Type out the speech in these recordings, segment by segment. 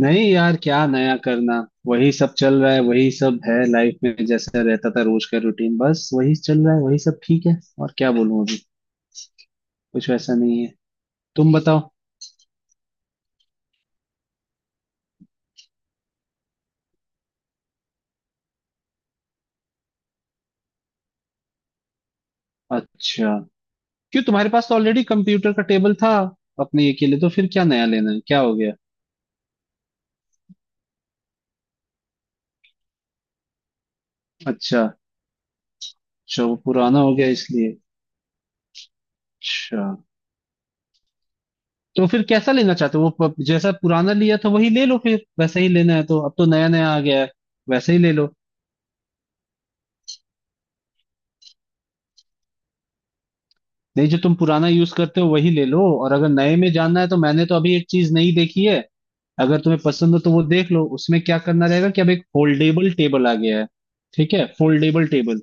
नहीं यार, क्या नया करना। वही सब चल रहा है, वही सब है लाइफ में। जैसा रहता था रोज का रूटीन, बस वही चल रहा है, वही सब ठीक है। और क्या बोलूं अभी, कुछ वैसा नहीं है। तुम बताओ। अच्छा, क्यों? तुम्हारे पास तो ऑलरेडी कंप्यूटर का टेबल था अपने ये के लिए। तो फिर क्या नया लेना है, क्या हो गया? अच्छा, अच्छा वो पुराना हो गया इसलिए। अच्छा, तो फिर कैसा लेना चाहते हो वो? जैसा पुराना लिया था वही ले लो, फिर वैसा ही लेना है तो। अब तो नया नया आ गया है, वैसे ही ले लो। नहीं, जो तुम पुराना यूज करते हो वही ले लो, और अगर नए में जानना है तो मैंने तो अभी एक चीज नहीं देखी है। अगर तुम्हें पसंद हो तो वो देख लो। उसमें क्या करना रहेगा कि अब एक फोल्डेबल टेबल आ गया है। ठीक है, फोल्डेबल टेबल,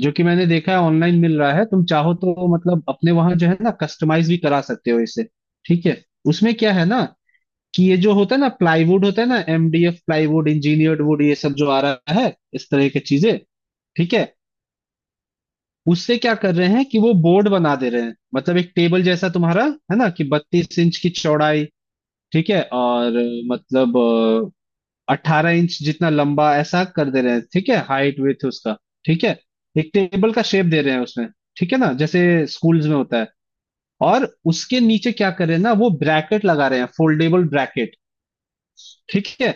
जो कि मैंने देखा है ऑनलाइन मिल रहा है। तुम चाहो तो मतलब अपने वहां, जो है ना, कस्टमाइज भी करा सकते हो इसे। ठीक है। उसमें क्या है ना कि ये जो होता है ना, प्लाईवुड होता है ना, एमडीएफ प्लाईवुड, इंजीनियर्ड वुड, ये सब जो आ रहा है इस तरह की चीजें। ठीक है। उससे क्या कर रहे हैं कि वो बोर्ड बना दे रहे हैं, मतलब एक टेबल जैसा तुम्हारा है ना, कि 32 इंच की चौड़ाई। ठीक है। और मतलब 18 इंच जितना लंबा, ऐसा कर दे रहे हैं। ठीक है, हाइट विथ उसका। ठीक है। एक टेबल का शेप दे रहे हैं उसमें। ठीक है ना, जैसे स्कूल्स में होता है। और उसके नीचे क्या कर रहे हैं ना, वो ब्रैकेट लगा रहे हैं, फोल्डेबल ब्रैकेट। ठीक है।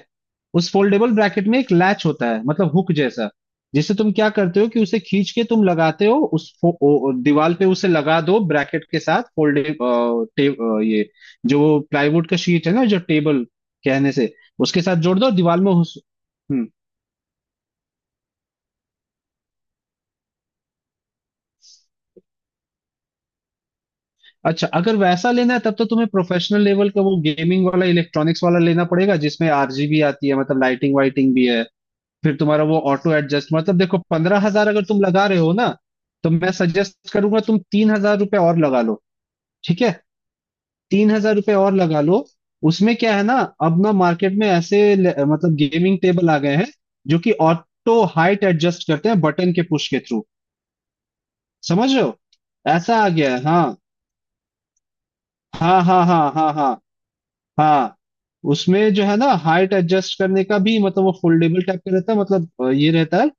उस फोल्डेबल ब्रैकेट में एक लैच होता है, मतलब हुक जैसा, जिसे तुम क्या करते हो कि उसे खींच के तुम लगाते हो। उस दीवार पे उसे लगा दो ब्रैकेट के साथ। फोल्डे अ, टे, अ, ये जो प्लाईवुड का शीट है ना, जो टेबल कहने से, उसके साथ जोड़ दो दीवार में हम्म। अच्छा, अगर वैसा लेना है तब तो तुम्हें प्रोफेशनल लेवल का वो गेमिंग वाला, इलेक्ट्रॉनिक्स वाला लेना पड़ेगा, जिसमें आरजीबी आती है, मतलब लाइटिंग वाइटिंग भी है। फिर तुम्हारा वो ऑटो एडजस्ट, मतलब देखो, 15,000 अगर तुम लगा रहे हो ना, तो मैं सजेस्ट करूंगा तुम 3,000 रुपये और लगा लो। ठीक है, 3,000 रुपये और लगा लो। उसमें क्या है ना, अब ना मार्केट में ऐसे मतलब गेमिंग टेबल आ गए हैं, जो कि ऑटो हाइट एडजस्ट करते हैं बटन के पुश के थ्रू। समझ रहे हो? ऐसा आ गया है। हाँ, हाँ हाँ हाँ हाँ हाँ हाँ। उसमें जो है ना, हाइट एडजस्ट करने का भी, मतलब वो फोल्डेबल टाइप का रहता है, मतलब ये रहता है।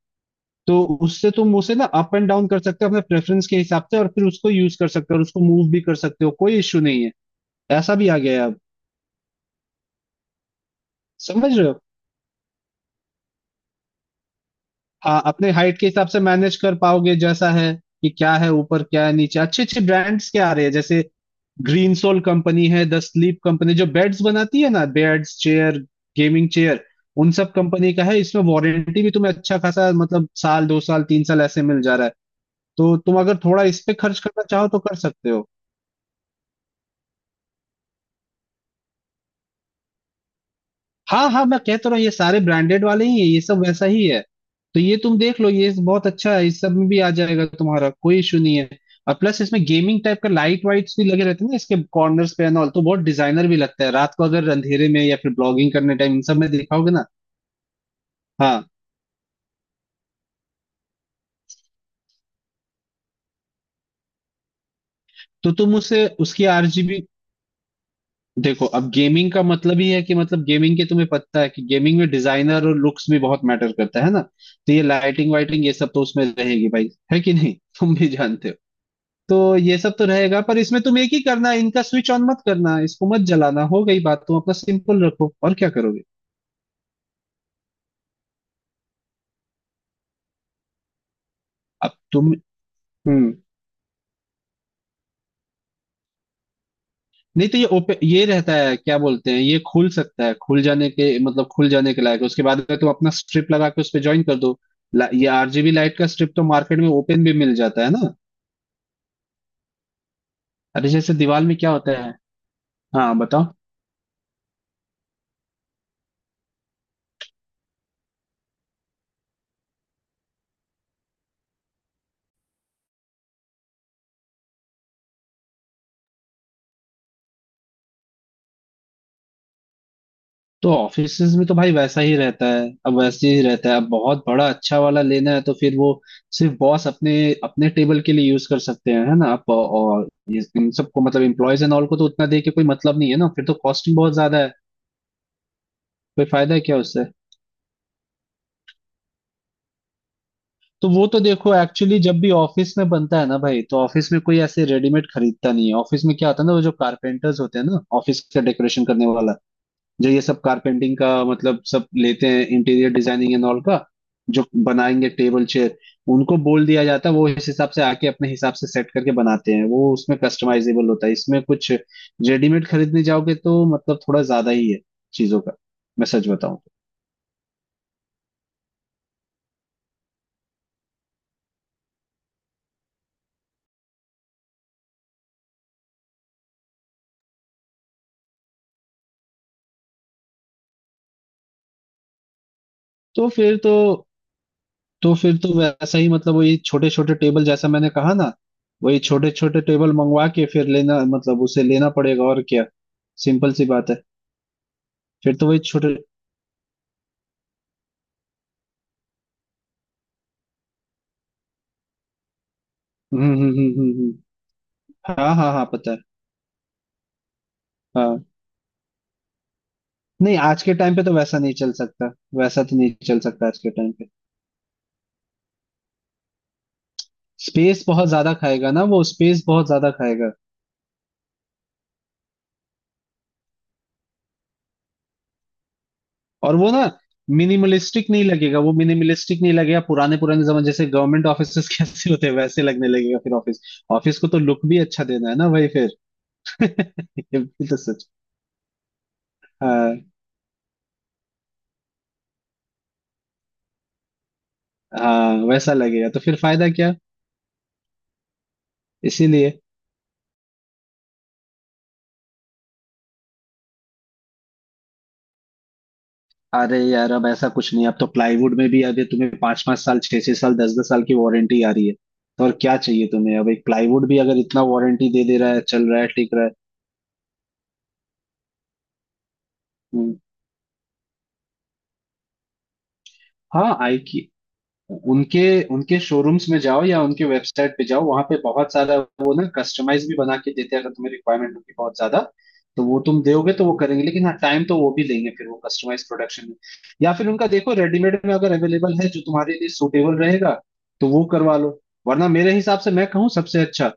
तो उससे तुम उसे ना अप एंड डाउन कर सकते हो अपने प्रेफरेंस के हिसाब से, और फिर उसको यूज कर सकते हो, और उसको मूव भी कर सकते हो, कोई इश्यू नहीं है। ऐसा भी आ गया है अब। समझ रहे हो? हाँ, अपने हाइट के हिसाब से मैनेज कर पाओगे जैसा है कि क्या है ऊपर, क्या है नीचे। अच्छे अच्छे ब्रांड्स के आ रहे हैं, जैसे ग्रीन सोल कंपनी है, द स्लीप कंपनी जो बेड्स बनाती है ना, बेड्स, चेयर, गेमिंग चेयर, उन सब कंपनी का है। इसमें वारंटी भी तुम्हें अच्छा खासा, मतलब साल, 2 साल, 3 साल ऐसे मिल जा रहा है। तो तुम अगर थोड़ा इस पे खर्च करना चाहो तो कर सकते हो। हाँ हाँ, मैं कह तो रहा हूँ ये सारे ब्रांडेड वाले ही है, ये सब वैसा ही है। तो ये तुम देख लो, ये बहुत अच्छा है, इस सब में भी आ जाएगा तुम्हारा, कोई इशू नहीं है। और प्लस इसमें गेमिंग टाइप का लाइट वाइट्स भी लगे रहते हैं ना इसके कॉर्नर्स पे एंड ऑल, तो बहुत डिजाइनर भी लगता है रात को अगर अंधेरे में, या फिर ब्लॉगिंग करने टाइम इन सब में दिखाओगे ना। हाँ, तो तुम उसे उसकी आरजीबी देखो। अब गेमिंग का मतलब ही है कि मतलब गेमिंग के तुम्हें पता है कि गेमिंग में डिजाइनर और लुक्स भी बहुत मैटर करता है ना। तो ये लाइटिंग वाइटिंग ये सब तो उसमें रहेगी भाई, है कि नहीं, तुम भी जानते हो। तो ये सब तो रहेगा, पर इसमें तुम एक ही करना, इनका स्विच ऑन मत करना, इसको मत जलाना, हो गई बात। तुम अपना सिंपल रखो, और क्या करोगे। अब तुम, हम्म। नहीं तो ये ओपन ये रहता है, क्या बोलते हैं, ये खुल सकता है, खुल जाने के, मतलब खुल जाने के लायक है। उसके बाद में तुम अपना स्ट्रिप लगा के उस पे ज्वाइन कर दो। ये आरजीबी लाइट का स्ट्रिप तो मार्केट में ओपन भी मिल जाता है ना। अरे जैसे दीवार में क्या होता है। हाँ बताओ। तो ऑफिसेज में तो भाई वैसा ही रहता है, अब वैसे ही रहता है। अब बहुत बड़ा अच्छा वाला लेना है तो फिर वो सिर्फ बॉस अपने अपने टेबल के लिए यूज कर सकते हैं, है ना आप। और इन सबको मतलब एम्प्लॉयज एंड ऑल को तो उतना दे के कोई मतलब नहीं है ना, फिर तो कॉस्टिंग बहुत ज्यादा है। कोई फायदा है क्या उससे। तो वो तो देखो एक्चुअली जब भी ऑफिस में बनता है ना भाई, तो ऑफिस में कोई ऐसे रेडीमेड खरीदता नहीं है। ऑफिस में क्या होता है ना, वो जो कारपेंटर्स होते हैं ना, ऑफिस का डेकोरेशन करने वाला जो ये सब कारपेंटिंग का मतलब सब लेते हैं, इंटीरियर डिजाइनिंग एंड ऑल का, जो बनाएंगे टेबल चेयर, उनको बोल दिया जाता है, वो इस हिसाब से आके अपने हिसाब से सेट करके बनाते हैं। वो उसमें कस्टमाइजेबल होता है इसमें कुछ। रेडीमेड खरीदने जाओगे तो मतलब थोड़ा ज्यादा ही है चीजों का, मैं सच बताऊं तो। तो फिर तो तो फिर तो वैसा ही, मतलब वही छोटे छोटे टेबल, जैसा मैंने कहा ना। वही छोटे छोटे टेबल मंगवा के फिर लेना, मतलब उसे लेना पड़ेगा और क्या, सिंपल सी बात है। फिर तो वही छोटे। हम्म हम्म हम्म हम्म हम्म। हाँ हाँ हाँ, पता है। हाँ, नहीं आज के टाइम पे तो वैसा नहीं चल सकता, वैसा तो नहीं चल सकता आज के टाइम पे। स्पेस बहुत ज्यादा खाएगा ना वो, स्पेस बहुत ज्यादा खाएगा। और वो ना मिनिमलिस्टिक नहीं लगेगा, वो मिनिमलिस्टिक नहीं लगेगा। पुराने पुराने जमाने जैसे गवर्नमेंट ऑफिस कैसे होते हैं, वैसे लगने लगेगा फिर ऑफिस। ऑफिस को तो लुक भी अच्छा देना है ना भाई फिर। ये भी तो सच। हाँ हाँ, वैसा लगेगा तो फिर फायदा क्या, इसीलिए। अरे यार, अब ऐसा कुछ नहीं, अब तो प्लाईवुड में भी अभी तुम्हें 5 5 साल, 6 6 साल, 10 10 साल की वारंटी आ रही है। तो और क्या चाहिए तुम्हें। अब एक प्लाईवुड भी अगर इतना वारंटी दे दे रहा है, चल रहा है, टिक रहा है। हम्म। हाँ, आई, उनके उनके शोरूम्स में जाओ या उनके वेबसाइट पे जाओ, वहां पे बहुत सारा वो ना कस्टमाइज भी बना के देते हैं अगर तुम्हें रिक्वायरमेंट होगी बहुत ज्यादा। तो वो तुम दोगे तो वो करेंगे, लेकिन हाँ, टाइम तो वो भी लेंगे फिर वो कस्टमाइज प्रोडक्शन में। या फिर उनका देखो रेडीमेड में अगर अवेलेबल है जो तुम्हारे लिए सूटेबल रहेगा, तो वो करवा लो। वरना मेरे हिसाब से मैं कहूँ सबसे अच्छा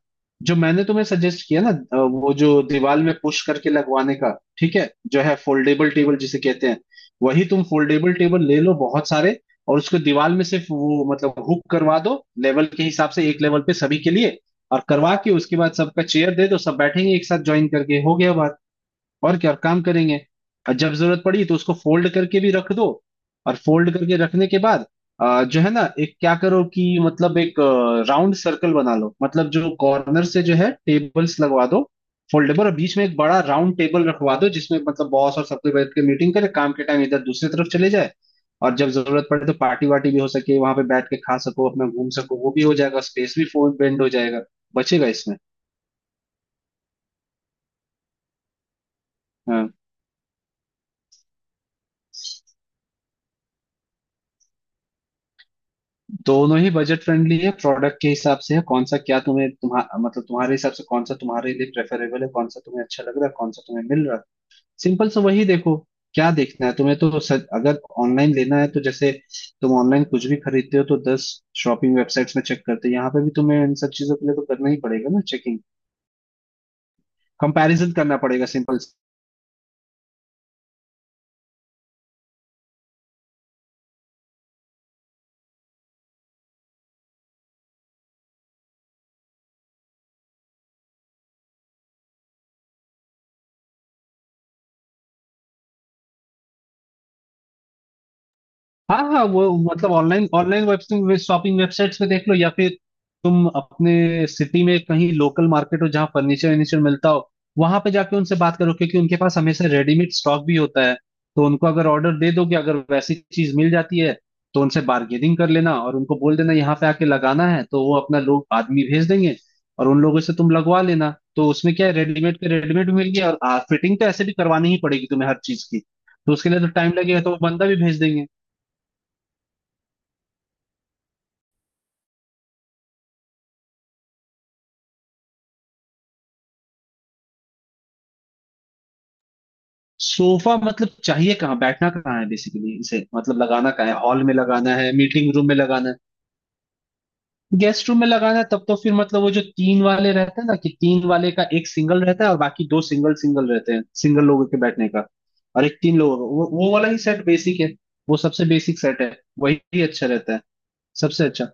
जो मैंने तुम्हें सजेस्ट किया ना, वो जो दीवार में पुश करके लगवाने का। ठीक है, जो है फोल्डेबल टेबल जिसे कहते हैं, वही तुम फोल्डेबल टेबल ले लो बहुत सारे। और उसको दीवार में सिर्फ वो मतलब हुक करवा दो, लेवल के हिसाब से एक लेवल पे सभी के लिए। और करवा के उसके बाद सबका चेयर दे दो, सब बैठेंगे एक साथ ज्वाइन करके, हो गया बात, और क्या काम करेंगे। और जब जरूरत पड़ी तो उसको फोल्ड करके भी रख दो। और फोल्ड करके रखने के बाद जो है ना, एक क्या करो कि मतलब एक राउंड सर्कल बना लो, मतलब जो कॉर्नर से जो है टेबल्स लगवा दो फोल्डेबल, और बीच में एक बड़ा राउंड टेबल रखवा दो, जिसमें मतलब बॉस और सब कोई बैठ के मीटिंग करे काम के टाइम, इधर दूसरी तरफ चले जाए। और जब जरूरत पड़े तो पार्टी वार्टी भी हो सके, वहां पे बैठ के खा सको, अपना घूम सको, वो भी हो जाएगा। स्पेस भी फोन बेंड हो जाएगा, बचेगा इसमें। हाँ। दोनों ही बजट फ्रेंडली है प्रोडक्ट के हिसाब से है। कौन सा क्या तुम्हें, तुम्हा मतलब तुम्हारे हिसाब से कौन सा तुम्हारे लिए प्रेफरेबल है, कौन सा तुम्हें अच्छा लग रहा है, कौन सा तुम्हें मिल रहा है, सिंपल सा वही देखो। क्या देखना है तुम्हें। तो सर, अगर ऑनलाइन लेना है तो जैसे तुम ऑनलाइन कुछ भी खरीदते हो तो 10 शॉपिंग वेबसाइट्स में चेक करते हो, यहाँ पे भी तुम्हें इन सब चीजों के लिए तो करना ही पड़ेगा ना चेकिंग, कंपैरिजन करना पड़ेगा, सिंपल। हाँ हाँ, वो मतलब online, online web shopping websites पे देख लो, या फिर तुम अपने सिटी में कहीं लोकल मार्केट हो जहाँ फर्नीचर वर्नीचर मिलता हो, वहां पे जाके उनसे बात करो, क्योंकि उनके पास हमेशा रेडीमेड स्टॉक भी होता है। तो उनको अगर ऑर्डर दे दोगे, अगर वैसी चीज मिल जाती है, तो उनसे बार्गेनिंग कर लेना, और उनको बोल देना यहाँ पे आके लगाना है तो वो अपना लोग आदमी भेज देंगे। और उन लोगों से तुम लगवा लेना। तो उसमें क्या है, रेडीमेड के रेडीमेड भी मिल गया, और फिटिंग तो ऐसे भी करवानी ही पड़ेगी तुम्हें हर चीज की। तो उसके लिए तो टाइम लगेगा, तो वो बंदा भी भेज देंगे। सोफा, मतलब चाहिए कहाँ, बैठना कहाँ है बेसिकली, इसे मतलब लगाना कहाँ है, हॉल में लगाना है, मीटिंग रूम में लगाना है। गेस्ट रूम में लगाना है तब तो फिर मतलब वो जो तीन वाले रहते हैं ना, कि तीन वाले का एक सिंगल रहता है और बाकी दो सिंगल सिंगल रहते हैं, सिंगल लोगों के बैठने का। और एक तीन लोगों का वो वाला ही सेट बेसिक है, वो सबसे बेसिक सेट है, वही अच्छा रहता है, सबसे अच्छा।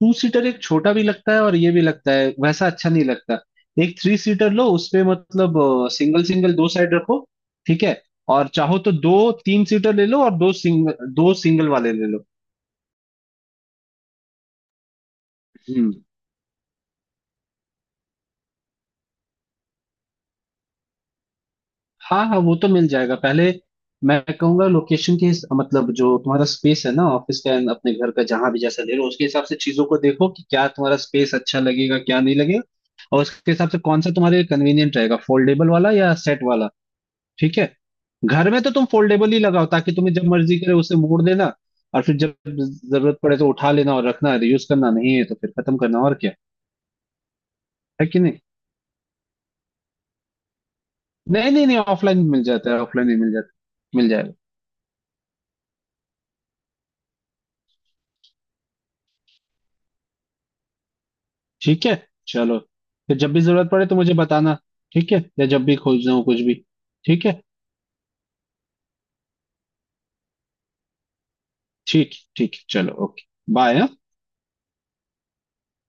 टू सीटर एक छोटा भी लगता है और ये भी लगता है, वैसा अच्छा नहीं लगता। एक थ्री सीटर लो, उसपे मतलब सिंगल सिंगल दो साइड रखो। ठीक है, और चाहो तो दो तीन सीटर ले लो, और दो सिंगल वाले ले लो। हम्म। हाँ हाँ, वो तो मिल जाएगा पहले, मैं कहूंगा लोकेशन के मतलब जो तुम्हारा स्पेस है ना ऑफिस का and अपने घर का, जहां भी जैसा ले लो, उसके हिसाब से चीजों को देखो कि क्या तुम्हारा स्पेस अच्छा लगेगा, क्या नहीं लगेगा। और उसके हिसाब से कौन सा तुम्हारे लिए कन्वीनियंट रहेगा, फोल्डेबल वाला या सेट वाला। ठीक है। घर में तो तुम फोल्डेबल ही लगाओ, ताकि तुम्हें जब मर्जी करे उसे मोड़ देना, और फिर जब जरूरत पड़े तो उठा लेना, और रखना, यूज करना नहीं है तो फिर खत्म करना, और क्या। है कि नहीं? नहीं नहीं नहीं, ऑफलाइन मिल जाता है, ऑफलाइन ही मिल जाता है, मिल जाएगा। ठीक है, चलो। फिर जब भी जरूरत पड़े तो मुझे बताना, ठीक है, या जब भी खोजना हो कुछ भी। ठीक है, ठीक, ठीक, चलो, ओके, बाय।